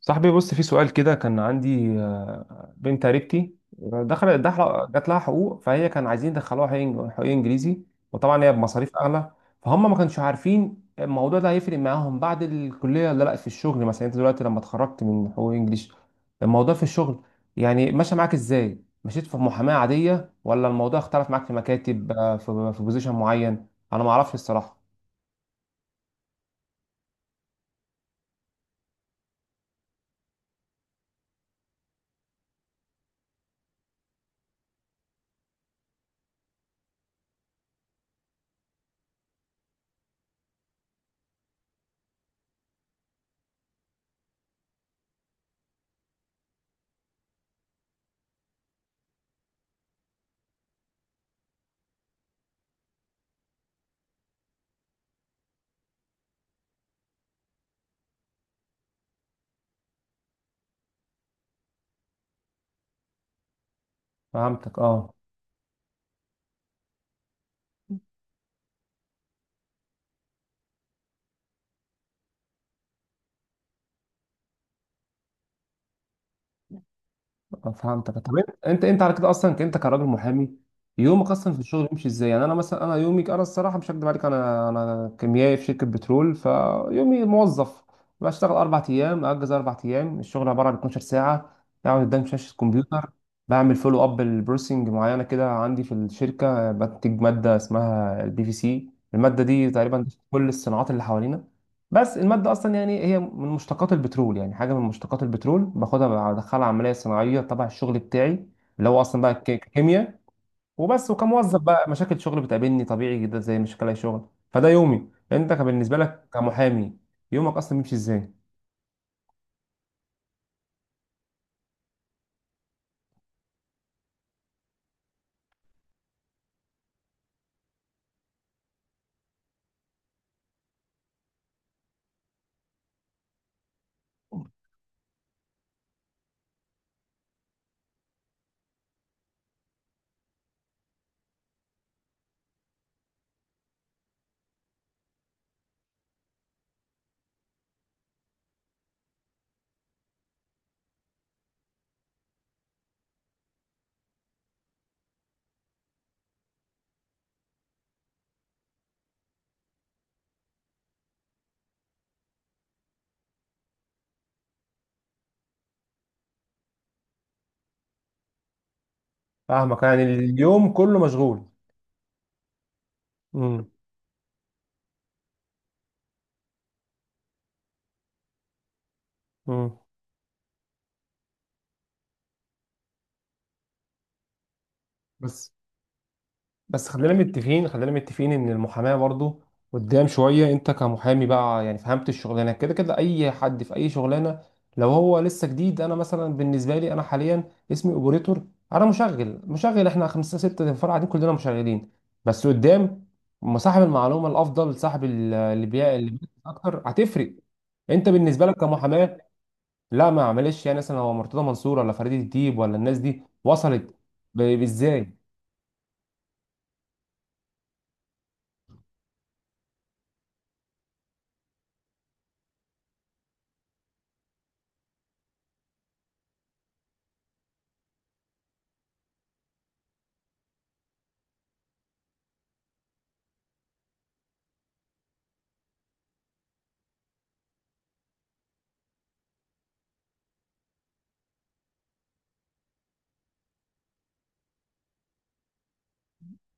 صاحبي بص في سؤال كده، كان عندي بنت قريبتي دخلت دخل جات لها حقوق، فهي كان عايزين يدخلوها حقوق. حقوق انجليزي، وطبعا هي بمصاريف اغلى. فهم ما كانش عارفين الموضوع ده هيفرق معاهم بعد الكليه ولا لا في الشغل. مثلا انت دلوقتي لما اتخرجت من حقوق انجليش، الموضوع في الشغل يعني ماشي معاك ازاي؟ مشيت في محاماه عاديه ولا الموضوع اختلف معاك في مكاتب، في بوزيشن معين؟ انا ما اعرفش الصراحه. فهمتك اه. فهمتك. طب انت، على كده اصلا، انت كراجل محامي، يومك اصلا في الشغل بيمشي ازاي؟ يعني انا مثلا، انا يومي، انا الصراحه مش هكدب عليك، انا كيميائي في شركه بترول. فيومي موظف بشتغل اربع ايام اجز اربع ايام، الشغل عباره عن 12 ساعه، اقعد قدام شاشه كمبيوتر، بعمل فولو اب لبروسنج معينه كده عندي في الشركه. بنتج ماده اسمها البي في سي، الماده دي تقريبا كل الصناعات اللي حوالينا. بس المادة أصلا يعني هي من مشتقات البترول، يعني حاجة من مشتقات البترول باخدها بدخلها عملية صناعية تبع الشغل بتاعي، اللي هو أصلا بقى كيمياء وبس. وكموظف بقى، مشاكل شغل بتقابلني طبيعي جدا زي مشاكل أي شغل. فده يومي، أنت كان بالنسبة لك كمحامي يومك أصلا بيمشي إزاي؟ فاهمك، يعني اليوم كله مشغول. امم، امم. بس، بس خلينا متفقين، خلينا متفقين ان المحاماه برضو قدام شويه. انت كمحامي بقى، يعني فهمت الشغلانه كده كده، اي حد في اي شغلانه لو هو لسه جديد. انا مثلا بالنسبه لي، انا حاليا اسمي اوبريتور، انا مشغل، احنا خمسه سته فرع قاعدين كلنا مشغلين. بس قدام ما صاحب المعلومه الافضل، صاحب اللي بيع، اللي بيعرف اكتر هتفرق. انت بالنسبه لك كمحاماه، لا ما معلش، يعني مثلا هو مرتضى منصور ولا فريد الديب ولا الناس دي وصلت ازاي؟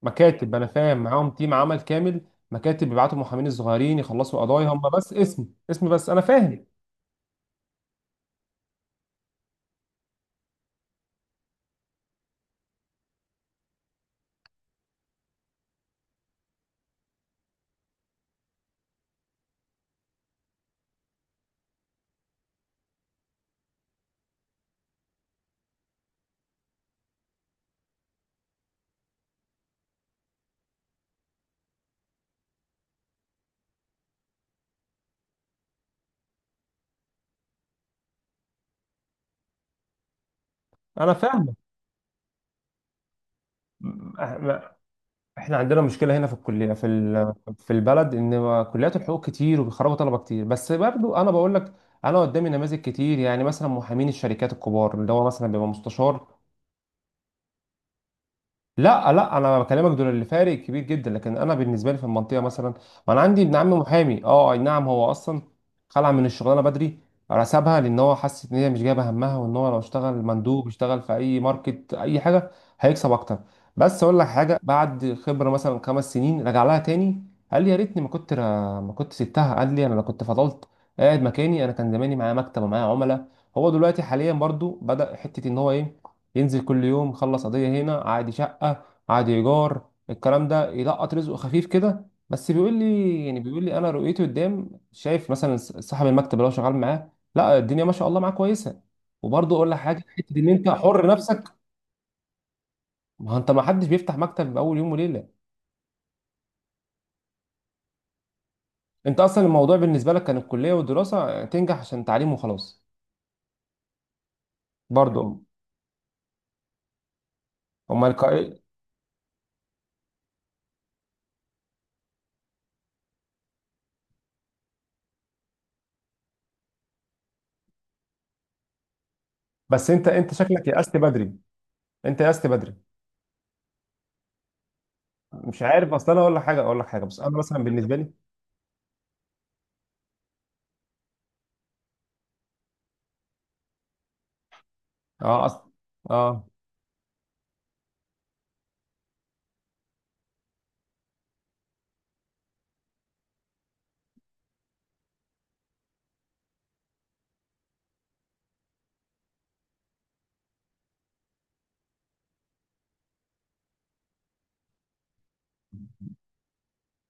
مكاتب، انا فاهم، معاهم تيم عمل كامل. مكاتب بيبعتوا المحامين الصغيرين يخلصوا قضايا، هم بس اسم، اسم، بس انا فاهم. انا فاهم. م-. احنا عندنا مشكله هنا في الكليه، في في البلد، ان كليات الحقوق كتير وبيخرجوا طلبه كتير. بس برضو انا بقول لك، انا قدامي نماذج كتير. يعني مثلا محامين الشركات الكبار، اللي هو مثلا بيبقى مستشار. لا لا، انا بكلمك دول اللي فارق كبير جدا. لكن انا بالنسبه لي في المنطقه مثلا، ما انا عندي ابن عمي محامي. اه، اي نعم، هو اصلا خلع من الشغلانه بدري، سابها لان هو حس ان هي مش جايبه همها، وان هو لو اشتغل مندوب، اشتغل في اي ماركت، اي حاجه هيكسب اكتر. بس اقول لك حاجه، بعد خبره مثلا خمس سنين رجع لها تاني. قال لي يا ريتني ما كنت ما كنت سبتها. قال لي انا لو كنت فضلت قاعد مكاني، انا كان زماني معايا مكتب ومعايا عملاء. هو دلوقتي حاليا برضو بدأ حته ان هو ايه، ينزل كل يوم يخلص قضية هنا عادي، شقة عادي، إيجار، الكلام ده، يلقط رزقه خفيف كده. بس بيقول لي، يعني بيقول لي أنا رؤيتي قدام شايف مثلا صاحب المكتب اللي هو شغال معاه، لا الدنيا ما شاء الله معاه كويسة. وبرضه أقول لك حاجة، حتة إن أنت حر نفسك. ما هو أنت، ما حدش بيفتح مكتب بأول يوم وليلة. أنت أصلا الموضوع بالنسبة لك كان الكلية والدراسة تنجح عشان تعليم وخلاص. برضه. أمال بس أنت، شكلك يأست بدري. أنت يأست بدري. مش عارف، أصل أنا أقول لك حاجة، أقول لك حاجة، بس أنا مثلا بالنسبة لي. اه اصلا. اه.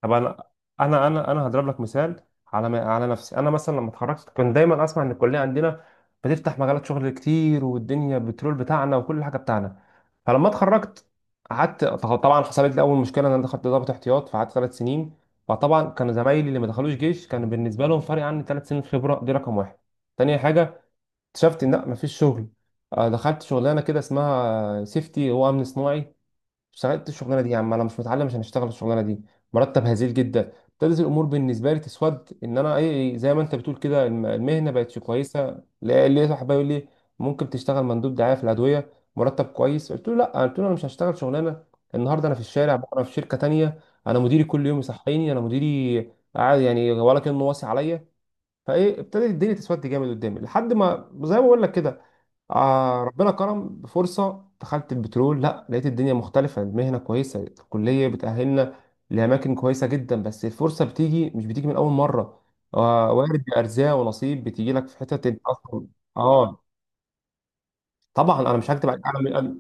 طب انا، هضرب لك مثال على على نفسي. انا مثلا لما اتخرجت، كنت دايما اسمع ان الكليه عندنا بتفتح مجالات شغل كتير، والدنيا بترول بتاعنا وكل حاجه بتاعنا. فلما اتخرجت، قعدت طبعا حصلت لي اول مشكله، ان انا دخلت ضابط احتياط فقعدت ثلاث سنين. فطبعا كانوا زمايلي اللي ما دخلوش جيش، كان بالنسبه لهم فرق عني ثلاث سنين خبره، دي رقم واحد. تاني حاجه، اكتشفت ان لا مفيش شغل. دخلت شغلانه كده اسمها سيفتي، هو امن صناعي. اشتغلت الشغلانه دي، يا عم انا مش متعلم عشان اشتغل الشغلانه دي. مرتب هزيل جدا. ابتدت الامور بالنسبه لي تسود، ان انا ايه، زي ما انت بتقول كده، المهنه بقتش كويسه. لقيت واحد بيقول لي ممكن تشتغل مندوب دعايه في الادويه، مرتب كويس. قلت له لا، قلت له انا مش هشتغل شغلانه، النهارده انا في الشارع بكره في شركه تانية. انا مديري كل يوم يصحيني، انا مديري قاعد يعني ولا كانه واصي عليا. فايه، ابتدت الدنيا تسود جامد قدامي، لحد ما زي ما بقول لك كده، آه ربنا كرم بفرصة، دخلت البترول، لا لقيت الدنيا مختلفة، المهنة كويسة، الكلية بتأهلنا لأماكن كويسة جدا. بس الفرصة بتيجي، مش بتيجي من أول مرة، آه، وارد بأرزاق ونصيب، بتيجي لك في حتة أنت أصلا. آه طبعا، أنا مش هكتب عليك. أنا،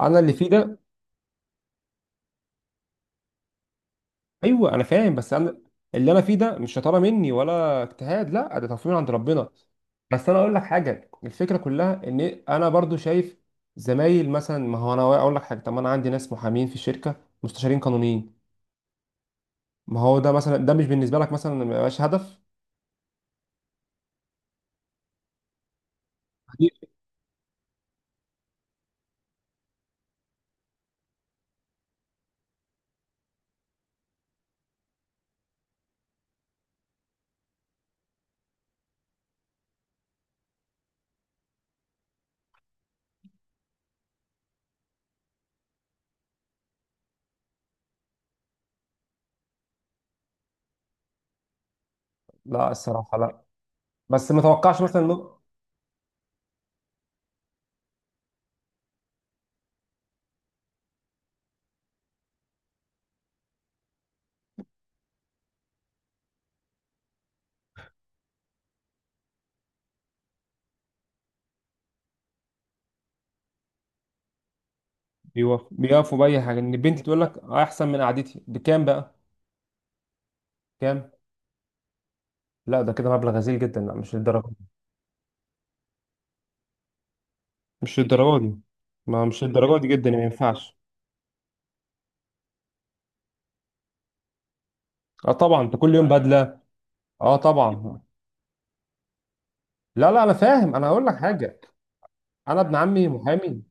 أنا اللي فيه ده. ايوه انا فاهم. بس انا اللي انا فيه ده مش شطاره مني ولا اجتهاد، لا ده تصميم عند ربنا. بس انا اقول لك حاجه، الفكره كلها ان انا برضو شايف زمايل مثلا. ما هو انا اقول لك حاجه، طب ما انا عندي ناس محامين في الشركه، مستشارين قانونيين. ما هو ده مثلا، ده مش بالنسبه لك مثلا ما يبقاش هدف؟ لا الصراحه لا، بس ما توقعش مثلا انه، بيقفوا باي حاجه، ان البنت تقول لك احسن من قعدتي بكام بقى. كام؟ لا ده كده مبلغ غزير جدا، لا مش للدرجه دي. مش للدرجه دي. ما مش للدرجه دي جدا، ما ينفعش. اه طبعا، انت كل يوم بدله. اه طبعا. لا لا انا فاهم، انا هقول لك حاجه. انا ابن عمي محامي.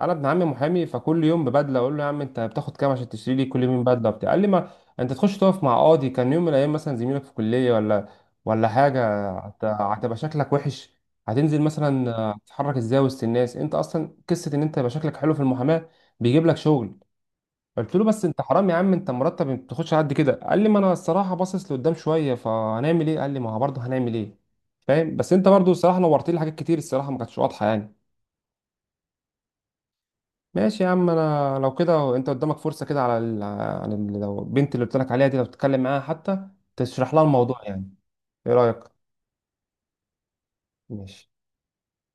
انا ابن عمي محامي، فكل يوم ببدله، اقول له يا عم انت بتاخد كام عشان تشتري لي كل يوم بدله وبتاع. قال لي ما انت تخش تقف مع قاضي كان يوم من الايام مثلا زميلك في كليه، ولا، ولا حاجه، هتبقى شكلك وحش. هتنزل مثلا، تتحرك ازاي وسط الناس. انت اصلا قصه ان انت يبقى شكلك حلو في المحاماه بيجيب لك شغل. قلت له بس انت حرام يا عم، انت مرتب ما بتاخدش على قد كده. قال لي ما انا الصراحه باصص لقدام شويه، فهنعمل ايه؟ قال لي ما هو برضه هنعمل ايه؟ فاهم. بس انت برضه الصراحه نورت لي حاجات كتير، الصراحه ما كانتش واضحه يعني. ماشي يا عم، انا لو كده انت قدامك فرصه كده، على لو البنت اللي قلت لك عليها دي لو تتكلم معاها حتى، تشرح لها الموضوع يعني، ايه رايك؟ ماشي.